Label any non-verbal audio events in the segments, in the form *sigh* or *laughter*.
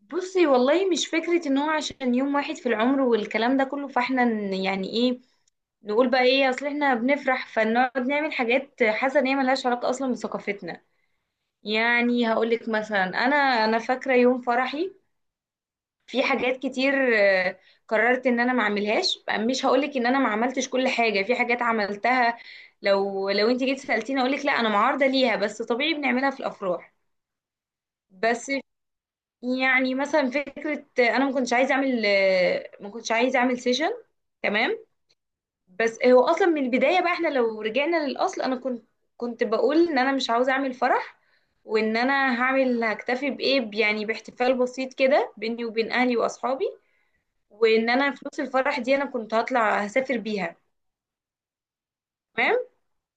بصي، والله مش فكرة ان هو عشان يوم واحد في العمر والكلام ده كله. فاحنا يعني ايه نقول بقى ايه، اصل احنا بنفرح فنقعد نعمل حاجات حاسة ان هي ملهاش علاقة اصلا بثقافتنا. يعني هقولك مثلا انا فاكرة يوم فرحي، في حاجات كتير قررت ان انا ما اعملهاش. مش هقولك ان انا ما عملتش كل حاجة، في حاجات عملتها. لو انت جيت سألتيني اقولك لا، انا معارضة ليها، بس طبيعي بنعملها في الافراح. بس يعني مثلا فكرة أنا ما كنتش عايزة أعمل، ما كنتش عايزة أعمل سيشن. تمام. بس هو أصلا من البداية بقى، إحنا لو رجعنا للأصل أنا كنت بقول إن أنا مش عاوزة أعمل فرح، وإن أنا هعمل هكتفي بإيه، يعني باحتفال بسيط كده بيني وبين أهلي وأصحابي. وإن أنا فلوس الفرح دي أنا كنت هطلع هسافر بيها. تمام.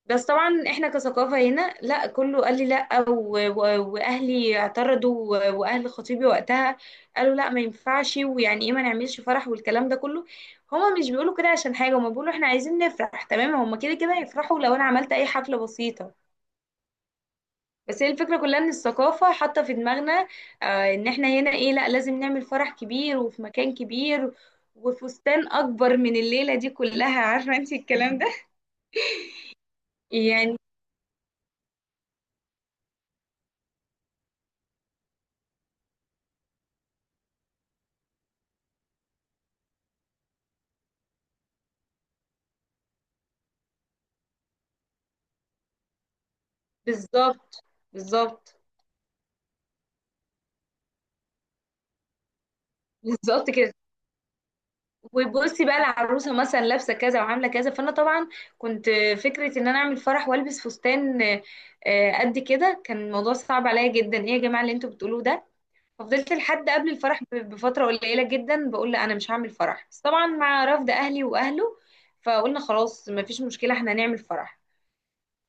بس طبعا احنا كثقافة هنا لا، كله قال لي لا واهلي اعترضوا واهل خطيبي وقتها قالوا لا ما ينفعش، ويعني ايه ما نعملش فرح والكلام ده كله. هما مش بيقولوا كده عشان حاجة، هما بيقولوا احنا عايزين نفرح. تمام، هما كده كده هيفرحوا لو انا عملت اي حفلة بسيطة. بس هي الفكرة كلها ان الثقافة حاطة في دماغنا. آه، ان احنا هنا ايه، لا لازم نعمل فرح كبير وفي مكان كبير وفستان اكبر من الليلة دي كلها، عارفة انت الكلام ده. *laughs* يعني بالظبط. بالظبط. بالظبط كده. وبصي بقى العروسه مثلا لابسه كذا وعامله كذا، فانا طبعا كنت فكره ان انا اعمل فرح والبس فستان قد كده. كان الموضوع صعب عليا جدا، ايه يا جماعه اللي انتوا بتقولوه ده. ففضلت لحد قبل الفرح بفتره قليله جدا بقول لا انا مش هعمل فرح، بس طبعا مع رفض اهلي واهله فقلنا خلاص ما فيش مشكله، احنا هنعمل فرح.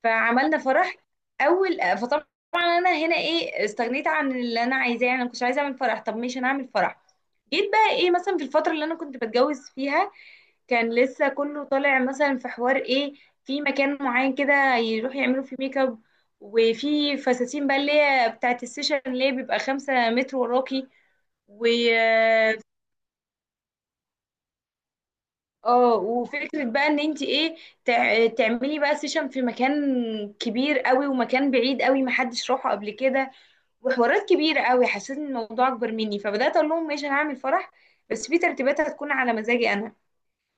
فعملنا فرح. اول فطبعا انا هنا ايه، استغنيت عن اللي انا عايزاه. يعني انا مش عايزه اعمل فرح، طب مش هنعمل فرح. جيت بقى ايه مثلا، في الفترة اللي انا كنت بتجوز فيها كان لسه كله طالع مثلا في حوار ايه، في مكان معين كده يروح يعملوا فيه ميك اب. وفي فساتين بقى اللي هي بتاعت السيشن، اللي هي بيبقى 5 متر وراكي. و اه وفكرة بقى ان انت ايه، تعملي بقى سيشن في مكان كبير قوي ومكان بعيد قوي محدش راحه قبل كده، وحوارات كبيرة قوي. حسيت ان الموضوع اكبر مني، فبدأت اقول لهم ماشي انا هعمل فرح، بس في ترتيبات هتكون على مزاجي انا.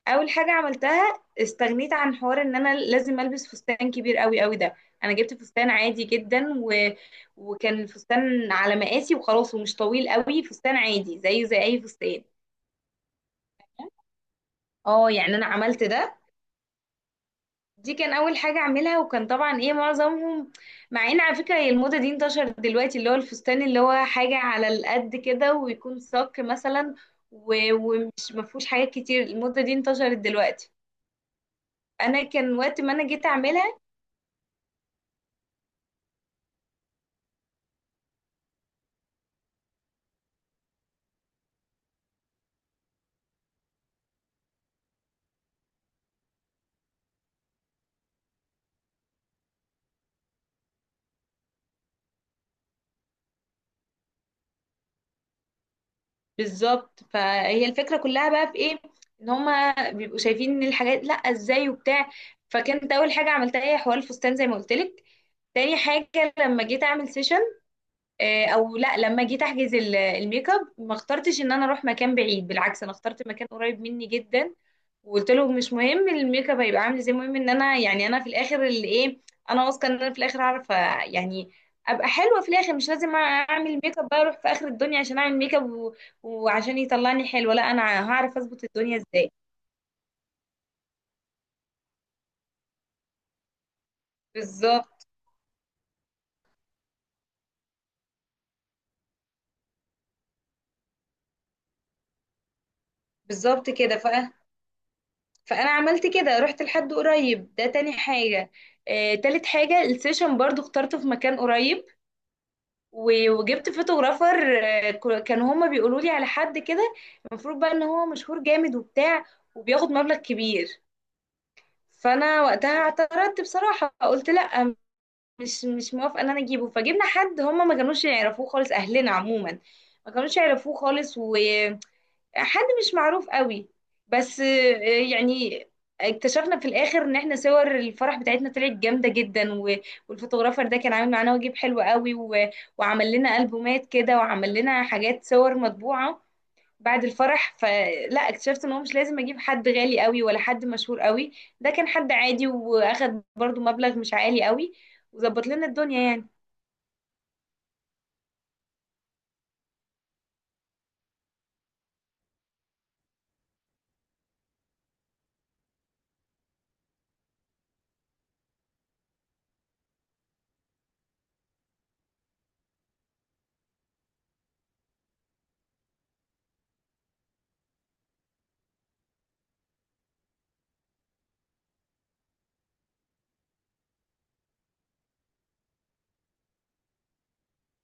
اول حاجه عملتها استغنيت عن حوار ان انا لازم البس فستان كبير قوي قوي ده. انا جبت فستان عادي جدا وكان الفستان على مقاسي وخلاص، ومش طويل قوي، فستان عادي زيه زي اي فستان. اه، يعني انا عملت ده. دي كان اول حاجه اعملها، وكان طبعا ايه معظمهم. مع ان على فكره هي الموضه دي انتشرت دلوقتي، اللي هو الفستان اللي هو حاجه على القد كده ويكون صك مثلا ومش مفهوش حاجات كتير. الموضه دي انتشرت دلوقتي، انا كان وقت ما انا جيت اعملها. بالظبط. فهي الفكرة كلها بقى في ايه، ان هما بيبقوا شايفين ان الحاجات لا ازاي وبتاع. فكانت اول حاجة عملتها هي حوار الفستان زي ما قلت لك. تاني حاجة لما جيت اعمل سيشن، او لا، لما جيت احجز الميك اب ما اخترتش ان انا اروح مكان بعيد، بالعكس انا اخترت مكان قريب مني جدا. وقلت له مش مهم الميك اب هيبقى عامل ازاي، المهم ان انا يعني انا في الاخر اللي ايه، انا واثقه ان انا في الاخر هعرف، يعني ابقى حلوه في الاخر. مش لازم اعمل ميك اب بقى اروح في اخر الدنيا عشان اعمل ميك اب وعشان يطلعني حلوه، لا انا هعرف اظبط الدنيا ازاي. بالظبط. بالظبط كده. فانا عملت كده رحت لحد قريب، ده تاني حاجه. تالت حاجه السيشن برضو اخترته في مكان قريب. وجبت فوتوغرافر. كانوا هما بيقولوا لي على حد كده المفروض بقى ان هو مشهور جامد وبتاع وبياخد مبلغ كبير. فانا وقتها اعترضت بصراحة قلت لا، مش موافقة ان انا اجيبه. فجبنا حد هما ما كانوش يعرفوه خالص، اهلنا عموما ما كانوش يعرفوه خالص، و حد مش معروف قوي. بس يعني اكتشفنا في الاخر ان احنا صور الفرح بتاعتنا طلعت جامده جدا، والفوتوغرافر ده كان عامل معانا واجب حلو قوي، وعمل لنا البومات كده وعمل لنا حاجات صور مطبوعه بعد الفرح. فلا اكتشفت ان هو مش لازم اجيب حد غالي قوي ولا حد مشهور قوي. ده كان حد عادي واخد برضو مبلغ مش عالي قوي وظبط لنا الدنيا يعني.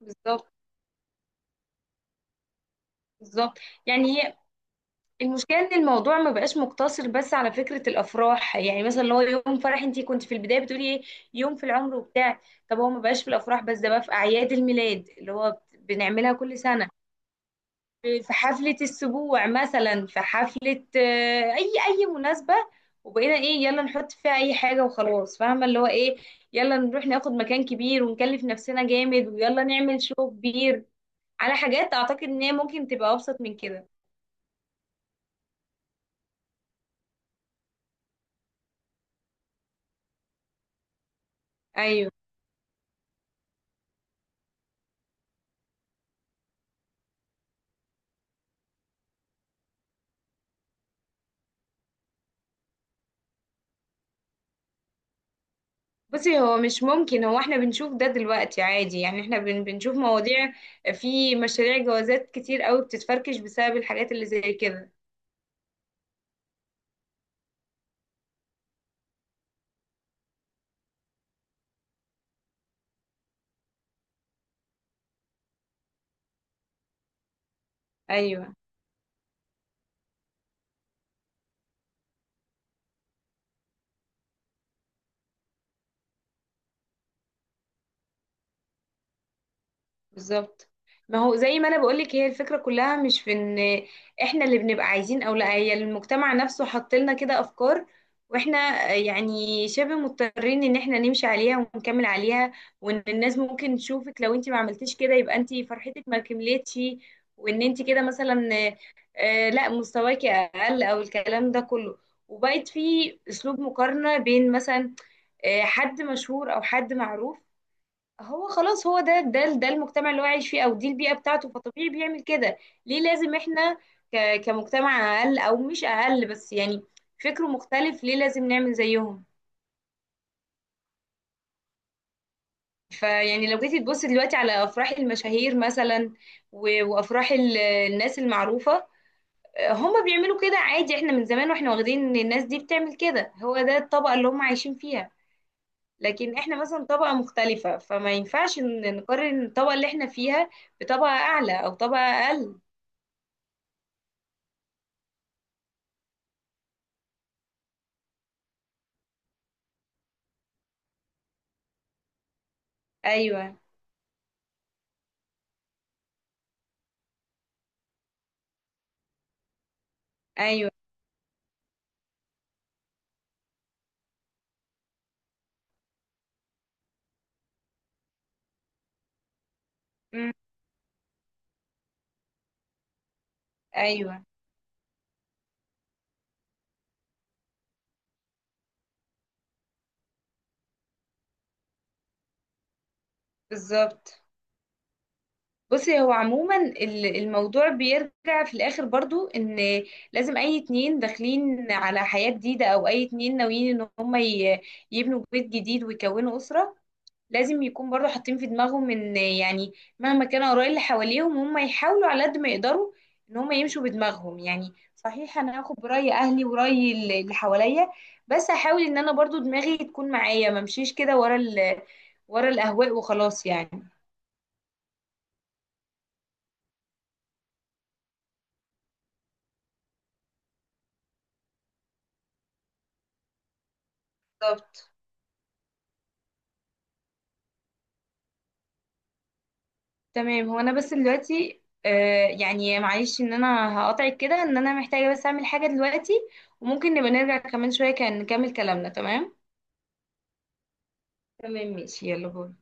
بالظبط. بالظبط. يعني المشكلة ان الموضوع ما بقاش مقتصر بس على فكرة الافراح، يعني مثلا اللي هو يوم فرح انتي كنت في البداية بتقولي ايه، يوم في العمر وبتاع. طب هو ما بقاش في الافراح بس، ده بقى في اعياد الميلاد اللي هو بنعملها كل سنة. في حفلة السبوع مثلا، في حفلة، اي مناسبة. وبقينا ايه، يلا نحط فيها اي حاجة وخلاص، فاهمة اللي هو ايه، يلا نروح ناخد مكان كبير ونكلف نفسنا جامد ويلا نعمل شو كبير على حاجات اعتقد ان هي ممكن تبقى ابسط من كده. ايوه. بصي هو مش ممكن، هو احنا بنشوف ده دلوقتي عادي. يعني احنا بنشوف مواضيع، في مشاريع جوازات كتير قوي بتتفركش بسبب الحاجات اللي زي كده. ايوه. بالظبط. ما هو زي ما انا بقولك هي الفكرة كلها مش في ان احنا اللي بنبقى عايزين او لا، هي المجتمع نفسه حط لنا كده افكار، واحنا يعني شبه مضطرين ان احنا نمشي عليها ونكمل عليها. وان الناس ممكن تشوفك لو انت ما عملتيش كده يبقى انت فرحتك ما كملتش، وان انت كده مثلا لا مستواكي اقل او الكلام ده كله. وبقت في اسلوب مقارنة بين مثلا حد مشهور او حد معروف. هو خلاص، هو ده المجتمع اللي هو عايش فيه او دي البيئه بتاعته، فطبيعي بيعمل كده. ليه لازم احنا كمجتمع اقل، او مش اقل بس، يعني فكره مختلف، ليه لازم نعمل زيهم. فيعني لو جيتي تبصي دلوقتي على افراح المشاهير مثلا، وافراح الناس المعروفه، هم بيعملوا كده عادي. احنا من زمان واحنا واخدين ان الناس دي بتعمل كده، هو ده الطبقه اللي هم عايشين فيها. لكن احنا مثلا طبقه مختلفه، فما ينفعش نقارن الطبقه اللي احنا فيها بطبقه اعلى او طبقه اقل. ايوه. ايوه. امم. ايوه. بالظبط. بصي هو عموما الموضوع بيرجع في الاخر برضو ان لازم اي اتنين داخلين على حياة جديدة، او اي اتنين ناويين ان هم يبنوا بيت جديد ويكونوا اسرة، لازم يكون برضو حاطين في دماغهم ان يعني مهما كان اراء اللي حواليهم هم يحاولوا على قد ما يقدروا ان هم يمشوا بدماغهم. يعني صحيح انا هاخد براي اهلي وراي اللي حواليا، بس هحاول ان انا برضو دماغي تكون معايا ما امشيش كده ورا ورا الاهواء وخلاص يعني. بالظبط. تمام. هو انا بس دلوقتي يعني معلش ان انا هقاطعك كده، ان انا محتاجه بس اعمل حاجه دلوقتي، وممكن نبقى نرجع كمان شويه كان نكمل كلامنا. تمام. تمام ماشي، يلا باي.